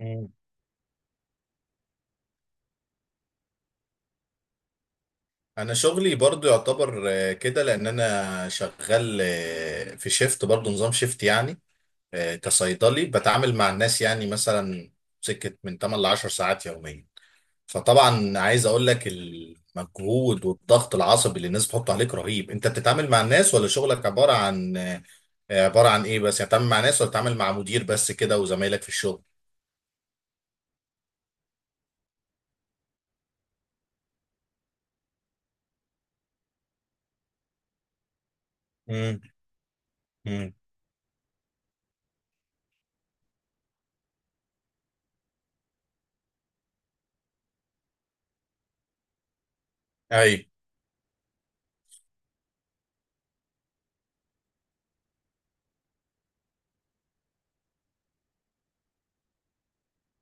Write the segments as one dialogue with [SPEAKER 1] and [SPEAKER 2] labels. [SPEAKER 1] مم. انا شغلي برضو يعتبر كده لان انا شغال في شيفت برضو نظام شيفت يعني كصيدلي بتعامل مع الناس يعني مثلا سكة من 8 ل 10 ساعات يوميا. فطبعا عايز اقول لك المجهود والضغط العصبي اللي الناس بتحط عليك رهيب. انت بتتعامل مع الناس ولا شغلك عبارة عن ايه بس؟ يعني بتتعامل مع ناس ولا بتتعامل مع مدير بس كده وزمايلك في الشغل؟ امم امم. اي.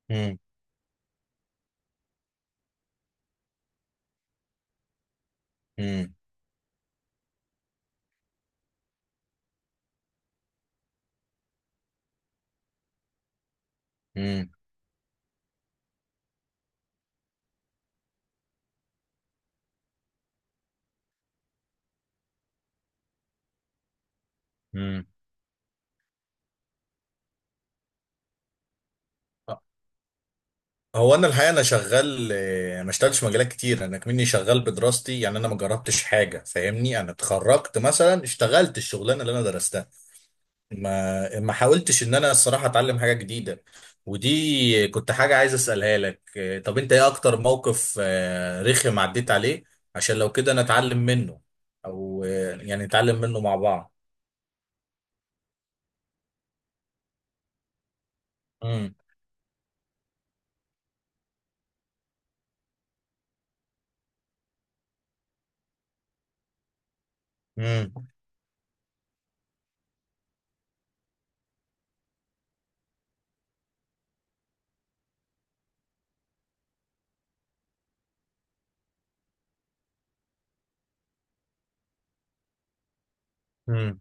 [SPEAKER 1] امم امم امم. هو انا الحقيقه انا شغال، ما اشتغلتش في مجالات كتير، انا كمني شغال بدراستي يعني، انا ما جربتش حاجه فاهمني، انا اتخرجت مثلا اشتغلت الشغلانه اللي انا درستها. ما حاولتش ان انا الصراحه اتعلم حاجه جديده. ودي كنت حاجه عايز اسالها لك، طب انت ايه اكتر موقف رخم عديت عليه؟ عشان لو كده نتعلم منه، او يعني نتعلم منه مع بعض. امم امم امم.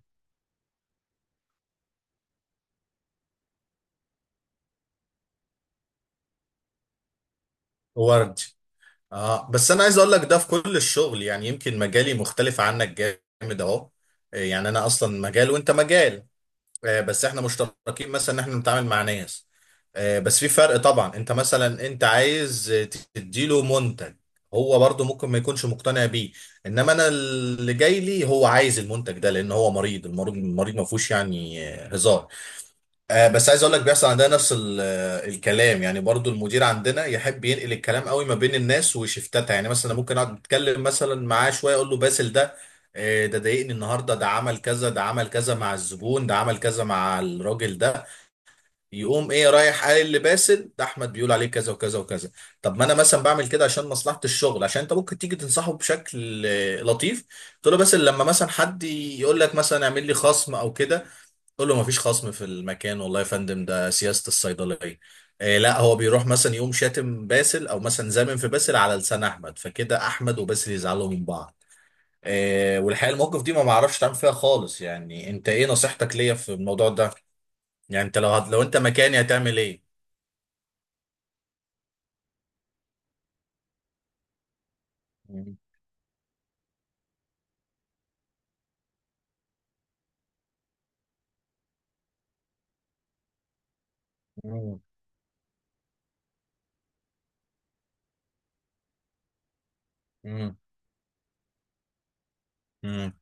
[SPEAKER 1] ورد. اه بس انا عايز اقول لك ده في كل الشغل يعني، يمكن مجالي مختلف عنك جامد اهو. يعني انا اصلا مجال وانت مجال. بس احنا مشتركين مثلا ان احنا بنتعامل مع ناس. بس في فرق طبعا. انت مثلا انت عايز تديله منتج، هو برضه ممكن ما يكونش مقتنع بيه. انما انا اللي جاي لي هو عايز المنتج ده لان هو مريض. المريض ما فيهوش يعني هزار. آه بس عايز اقول لك بيحصل عندنا نفس الكلام. يعني برضو المدير عندنا يحب ينقل الكلام قوي ما بين الناس وشفتاتها. يعني مثلا ممكن اقعد اتكلم مثلا معاه شويه اقول له باسل ده ده ضايقني النهارده، ده عمل كذا، ده عمل كذا مع الزبون، ده عمل كذا مع الراجل ده. يقوم ايه رايح قال لباسل ده احمد بيقول عليه كذا وكذا وكذا. طب ما انا مثلا بعمل كده عشان مصلحه الشغل، عشان انت ممكن تيجي تنصحه بشكل لطيف، تقول له باسل لما مثلا حد يقول لك مثلا اعمل لي خصم او كده تقول له مفيش خصم في المكان والله يا فندم، ده سياسة الصيدلية. آه لا هو بيروح مثلا يقوم شاتم باسل او مثلا زامم في باسل على لسان احمد، فكده احمد وباسل يزعلوا من بعض. آه والحقيقة الموقف دي ما معرفش تعمل فيها خالص. يعني انت ايه نصيحتك ليا في الموضوع ده؟ يعني انت لو لو انت مكاني هتعمل ايه؟ مم. مم. مم. مم.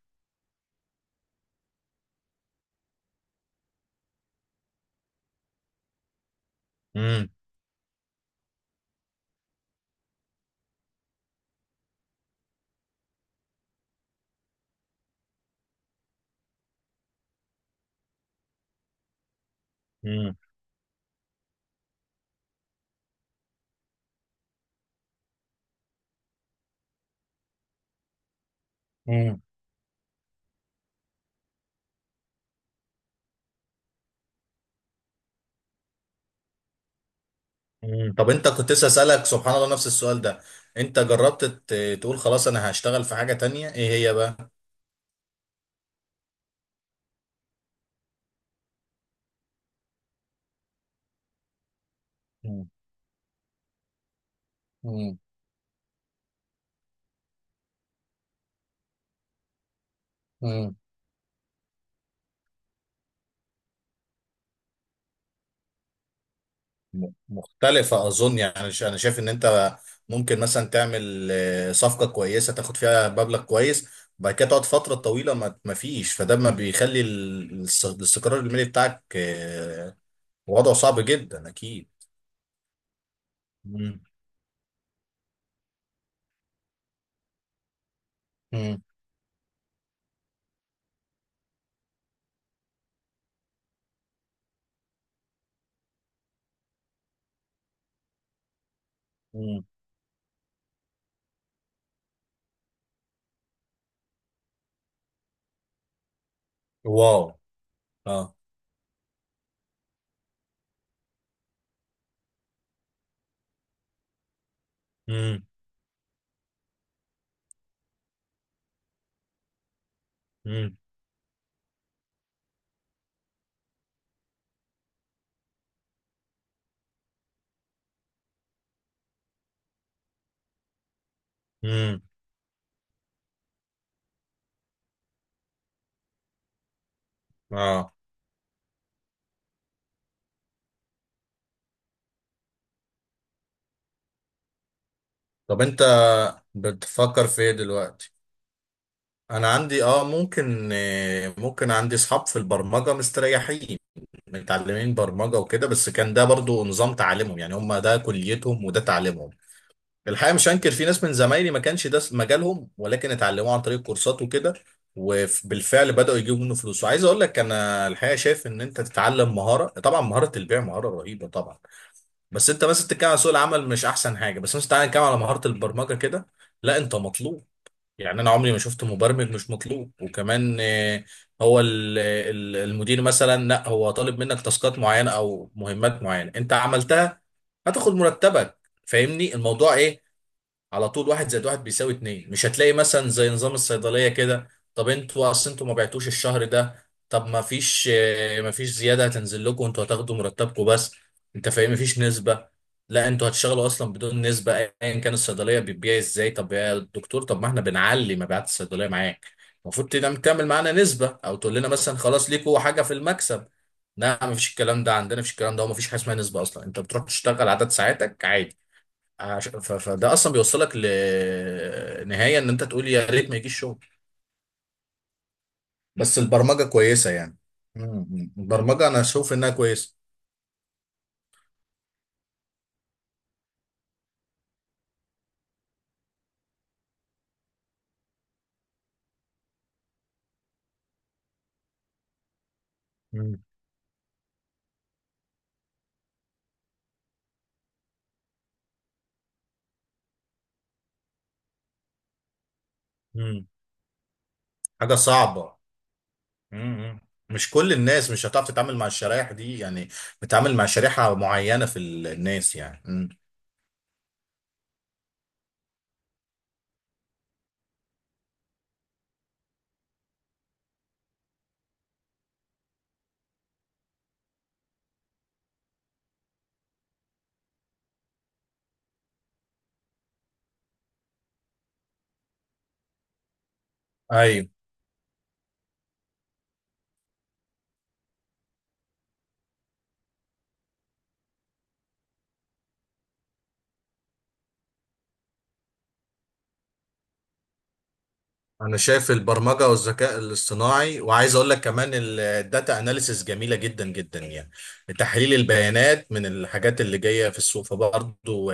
[SPEAKER 1] مم. مم. مم. مم. طب انت كنت لسه اسالك سبحان الله نفس السؤال ده، انت جربت تقول خلاص انا هشتغل في حاجة تانية؟ ايه هي بقى؟ مم. مم. مختلفة أظن يعني. أنا شايف إن أنت ممكن مثلا تعمل صفقة كويسة تاخد فيها مبلغ كويس، وبعد كده تقعد فترة طويلة ما فيش. فده ما بيخلي الاستقرار المالي بتاعك وضعه صعب جدا أكيد. مم. مم. مم. واو. اه. مم. مم. مم. اه. طب أنت بتفكر في إيه دلوقتي؟ أنا عندي اه ممكن، ممكن عندي أصحاب في البرمجة مستريحين، متعلمين برمجة وكده. بس كان ده برضو نظام تعليمهم يعني، هم ده كليتهم وده تعليمهم. الحقيقة مش هنكر في ناس من زمايلي ما كانش ده مجالهم ولكن اتعلموه عن طريق كورسات وكده، وبالفعل بدأوا يجيبوا منه فلوس. وعايز اقول لك انا الحقيقة شايف ان انت تتعلم مهارة. طبعا مهارة البيع مهارة رهيبة طبعا، بس انت بس بتتكلم عن سوق العمل مش احسن حاجة. بس مثلا تعالى نتكلم على مهارة البرمجة كده، لا انت مطلوب. يعني انا عمري ما شفت مبرمج مش مطلوب. وكمان هو المدير مثلا لا هو طالب منك تاسكات معينه او مهمات معينه، انت عملتها هتاخد مرتبك، فاهمني الموضوع ايه؟ على طول واحد زائد واحد بيساوي اتنين. مش هتلاقي مثلا زي نظام الصيدلية كده، طب انتوا اصل انتوا ما بعتوش الشهر ده، طب ما فيش اه، ما فيش زيادة هتنزل لكم، انتوا هتاخدوا مرتبكم بس. انت فاهم؟ ما فيش نسبة، لا انتوا هتشتغلوا اصلا بدون نسبة ايا كان الصيدلية بتبيع ازاي. طب يا دكتور طب ما احنا بنعلي مبيعات الصيدلية معاك، المفروض تعمل معانا نسبة او تقول لنا مثلا خلاص ليكوا حاجة في المكسب. لا، ما فيش الكلام ده عندنا، مفيش الكلام ده، وما فيش حاجة اسمها نسبة اصلا. انت بتروح تشتغل عدد ساعاتك عادي. فده اصلا بيوصلك لنهايه ان انت تقول يا ريت ما يجيش شغل. بس البرمجه كويسه يعني. مم. البرمجه انا اشوف انها كويسه. مم. مم. حاجه صعبه. مم. مش كل الناس مش هتعرف تتعامل مع الشرايح دي يعني، بتتعامل مع شريحه معينه في الناس يعني. مم. ايوه. انا شايف البرمجه والذكاء الاصطناعي، وعايز اقول لك كمان الداتا اناليسيس جميله جدا جدا يعني. تحليل البيانات من الحاجات اللي جايه في السوق فبرضو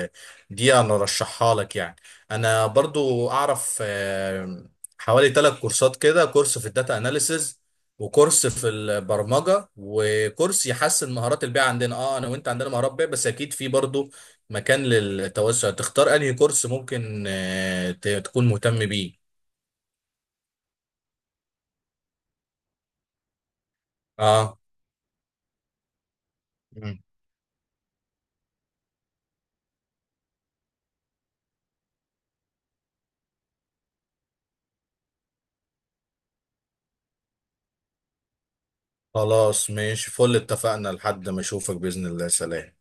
[SPEAKER 1] دي انا رشحها لك يعني. انا برضو اعرف حوالي 3 كورسات كده، كورس في الداتا اناليسيس، وكورس في البرمجه، وكورس يحسن مهارات البيع عندنا. اه انا وانت عندنا مهارات بيع بس اكيد في برضو مكان للتوسع. تختار انهي كورس ممكن تكون مهتم بيه. اه. مم. خلاص ماشي فل، اتفقنا لحد ما اشوفك بإذن الله، سلام.